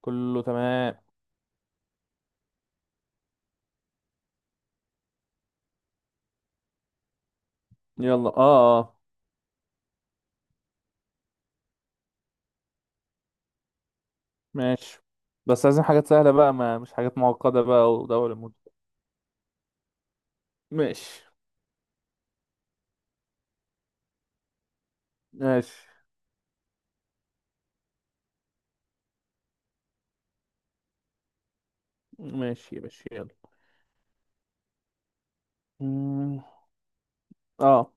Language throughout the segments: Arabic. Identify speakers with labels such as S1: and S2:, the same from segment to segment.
S1: كله تمام. يلا، اه، اه. ماشي. بس عايزين حاجات سهلة بقى، ما مش حاجات معقدة بقى، ودولة مد. ماشي ماشي. ماشي يا باشا، يلا. مم، اه.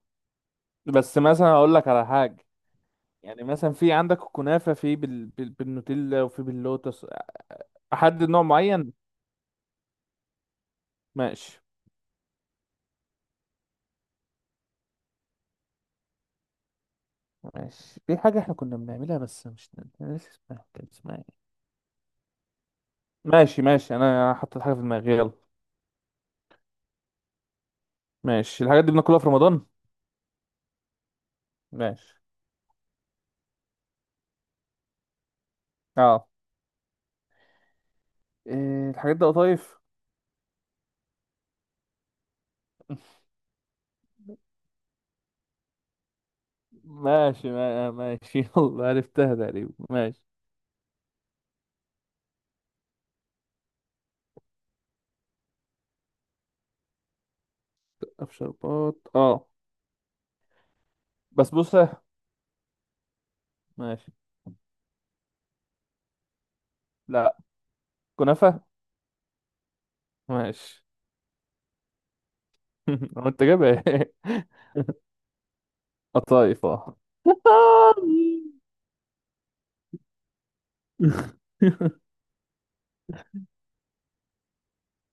S1: بس مثلا هقول لك على حاجة. يعني مثلا في عندك الكنافة في بالنوتيلا وفي باللوتس. أحدد نوع معين. ماشي ماشي. في حاجة احنا كنا بنعملها بس مش أنا ناسي اسمها، كان اسمها ايه؟ ماشي. ماشي أنا حطيت حاجة في دماغي، يلا. ماشي، الحاجات دي بناكلها في رمضان. ماشي، اه. إيه الحاجات دي، قطايف؟ ماشي، ماشي. يلا عرفتها تقريبا، ماشي. شربات، اه. بسبوسة. ماشي. لا. كنافة. ماشي. هو انت جايبها ايه؟ قطايف، اه.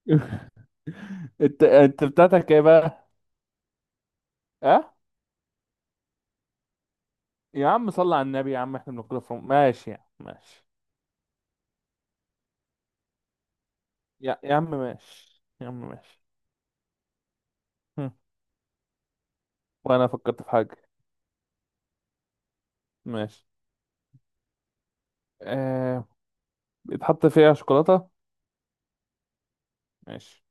S1: انت بتاعتك ايه بقى؟ اه. يا عم صلى على النبي، يا عم احنا بناكلها في ماشي يا عم، ماشي. يا عم ماشي، يا عم ماشي. هم. وانا فكرت في حاجة. ماشي. آه... بيتحط فيها شوكولاتة. ماشي.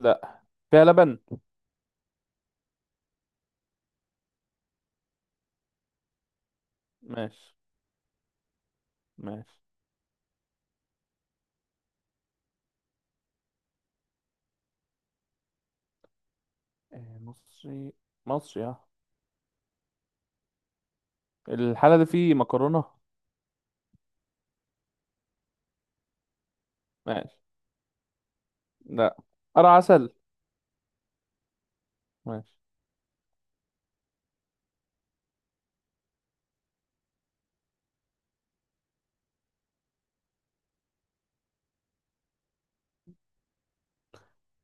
S1: لا، فيها لبن. ماشي ماشي. آه، مصري. مصري، اه. الحالة دي فيه مكرونة؟ ماشي. لا. قرع عسل؟ ماشي.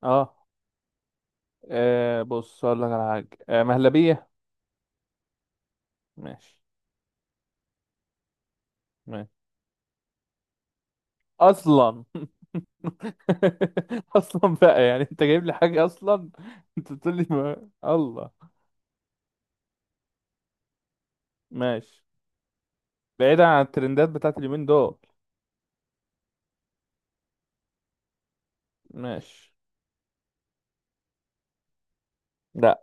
S1: اه. آه، بص اقول لك على حاجة. آه، مهلبية. ماشي ماشي. اصلا. اصلا بقى، يعني انت جايب لي حاجة اصلا؟ انت بتقول لي ما... الله. ماشي. بعيدا عن الترندات بتاعت اليومين دول. ماشي. لا.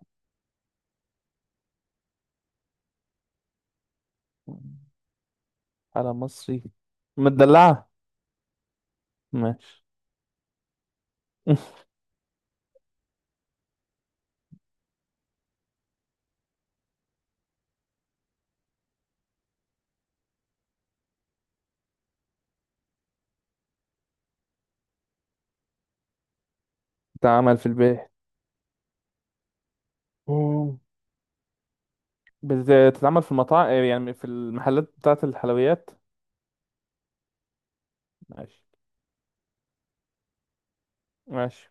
S1: على مصري. مدلعة. ماشي. بتتعمل في البيت. مم. بتتعمل في المطاعم، آه، يعني في المحلات بتاعة الحلويات. ماشي ماشي.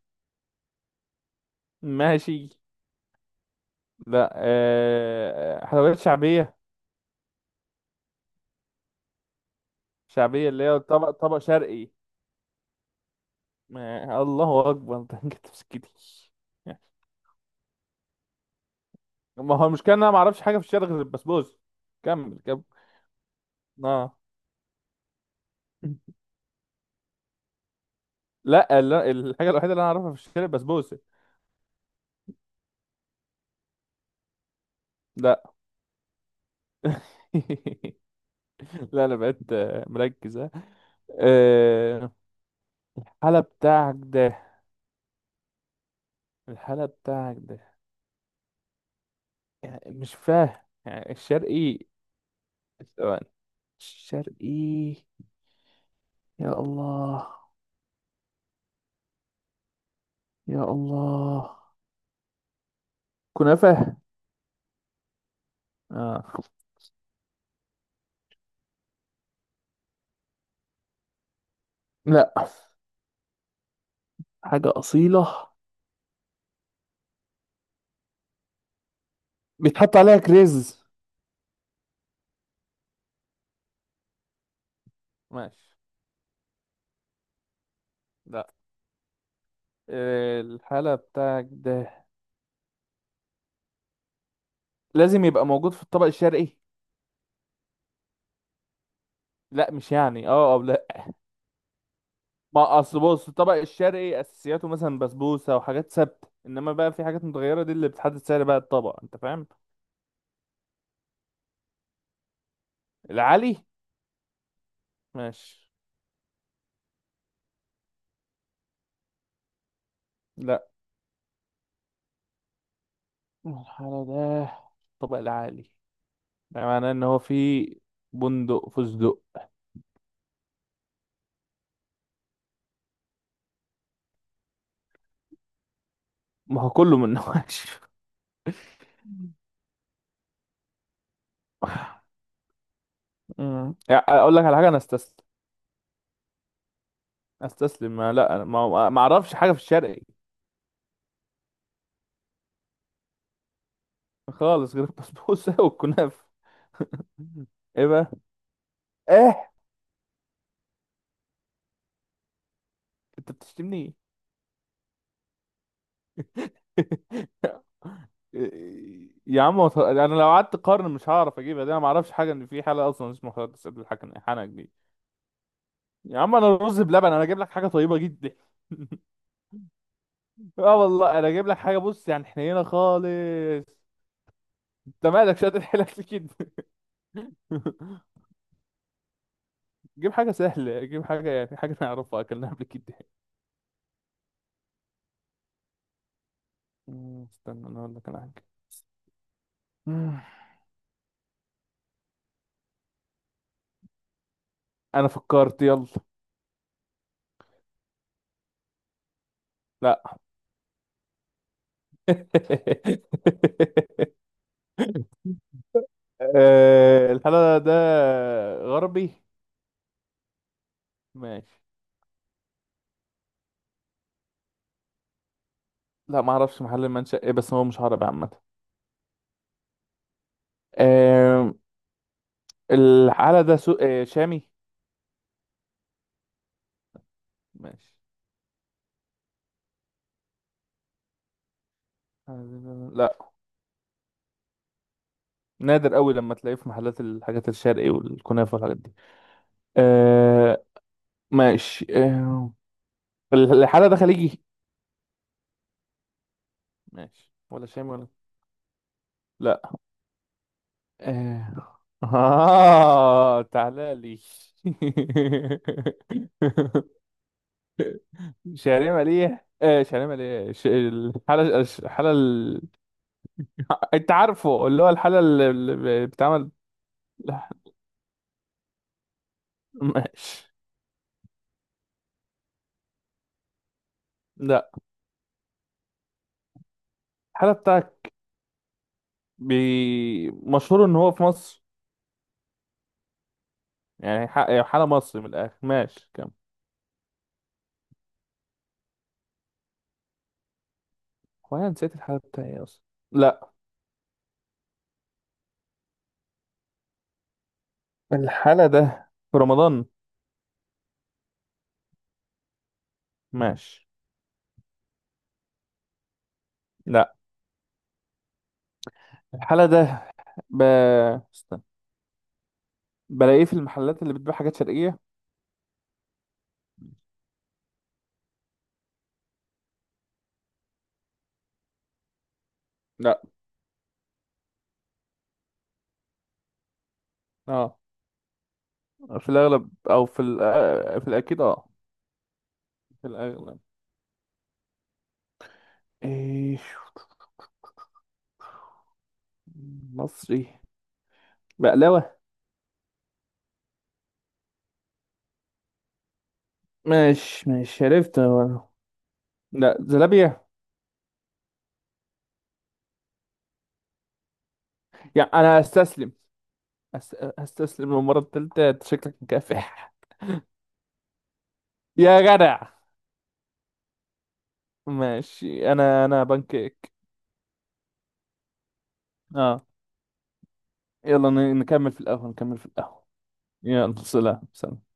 S1: ماشي. لا، آه، حلويات شعبية. شعبية اللي هي طبق طبق شرقي. ما... الله أكبر. ده انت تفسكتي. ما هو المشكلة إن أنا معرفش حاجة في الشرق غير البسبوسة. كمل كمل. آه. لا لا، الحاجة الوحيدة اللي أنا أعرفها في الشارع بسبوسة. لا. لا، أنا بقيت مركز، آه، حالة بتاعك ده. الحالة بتاعك ده يعني مش فاهم. يعني الشرقي؟ ثواني. الشرقي. يا الله، يا الله. كنافة. آه. لا، حاجة أصيلة. بيتحط عليها كريز؟ ماشي. لا، آه، الحالة بتاعك ده لازم يبقى موجود في الطبق الشرقي؟ لا مش يعني اه او لا. ما اصل بص الطبق الشرقي اساسياته مثلا بسبوسة وحاجات ثابتة، انما بقى في حاجات متغيرة دي اللي بتحدد سعر بقى الطبق، انت فاهم. العلي؟ ماشي. لا. الحالة ده الطبق العالي ده معناه ان هو في بندق، فستق. ما هو كله من نوعش. يعني اقول لك على حاجه، انا استسلم. استسلم. ما لا أنا ما اعرفش حاجه في الشرقي. خالص غير البسبوسه والكنافه. ايه بقى؟ ايه؟ انت بتشتمني؟ يا عم ما تهزر- انا لو قعدت قرن مش هعرف اجيبها دي. انا ما اعرفش حاجه ان في حاله اصلا اسمها حاله الحكم حنك دي. يا عم انا رز بلبن، انا اجيب لك حاجه طيبه جدا. اه والله انا اجيب لك حاجه، بص يعني حنينه خالص. انت مالك شاطر حيلك في كده. جيب حاجه سهله، جيب حاجه يعني حاجه نعرفها اكلناها قبل كده. مم، استنى انا اقول لك انا حاجه. مم، انا فكرت، يلا. لا. آه، الحلا ده غربي؟ ماشي. لا، ما اعرفش محل المنشأ ايه، بس هو مش عربي عامه. آه، الحلا ده سو... آه، شامي. ماشي. لا. نادر قوي لما تلاقيه في محلات الحاجات الشرقي والكنافة والحاجات دي. آه. ماشي، آه. الحالة ده خليجي؟ ماشي، ولا شامي ولا. لا. آه، آه تعالى لي. شعرية مالية، آه شعرية مالية. ش... الحالة الحالة ال... انت عارفه اللي هو الحالة اللي بتعمل. ماشي. لا. الحالة بتاعك مشهور ان هو في مصر. يعني يعني حالة مصري من الآخر، ماشي كم. هو أنا نسيت الحالة بتاعي إيه أصلا. لا. الحالة ده في رمضان؟ ماشي. لا. الحالة ده ب... استنى، بلاقيه في المحلات اللي بتبيع حاجات شرقية. لا. اه، في الأغلب أو في ال... آه، في الأكيد، اه. في الأغلب. إيش؟ مصري. بقلاوة. ماشي ماشي عرفت هو. لا، زلابية. يعني أنا أستسلم. أستسلم للمرة التالتة، أنت شكلك مكافح. يا جدع. ماشي، انا انا بانكيك. اه. يلا نكمل في القهوة، نكمل في القهوة. يلا سلام، سلام.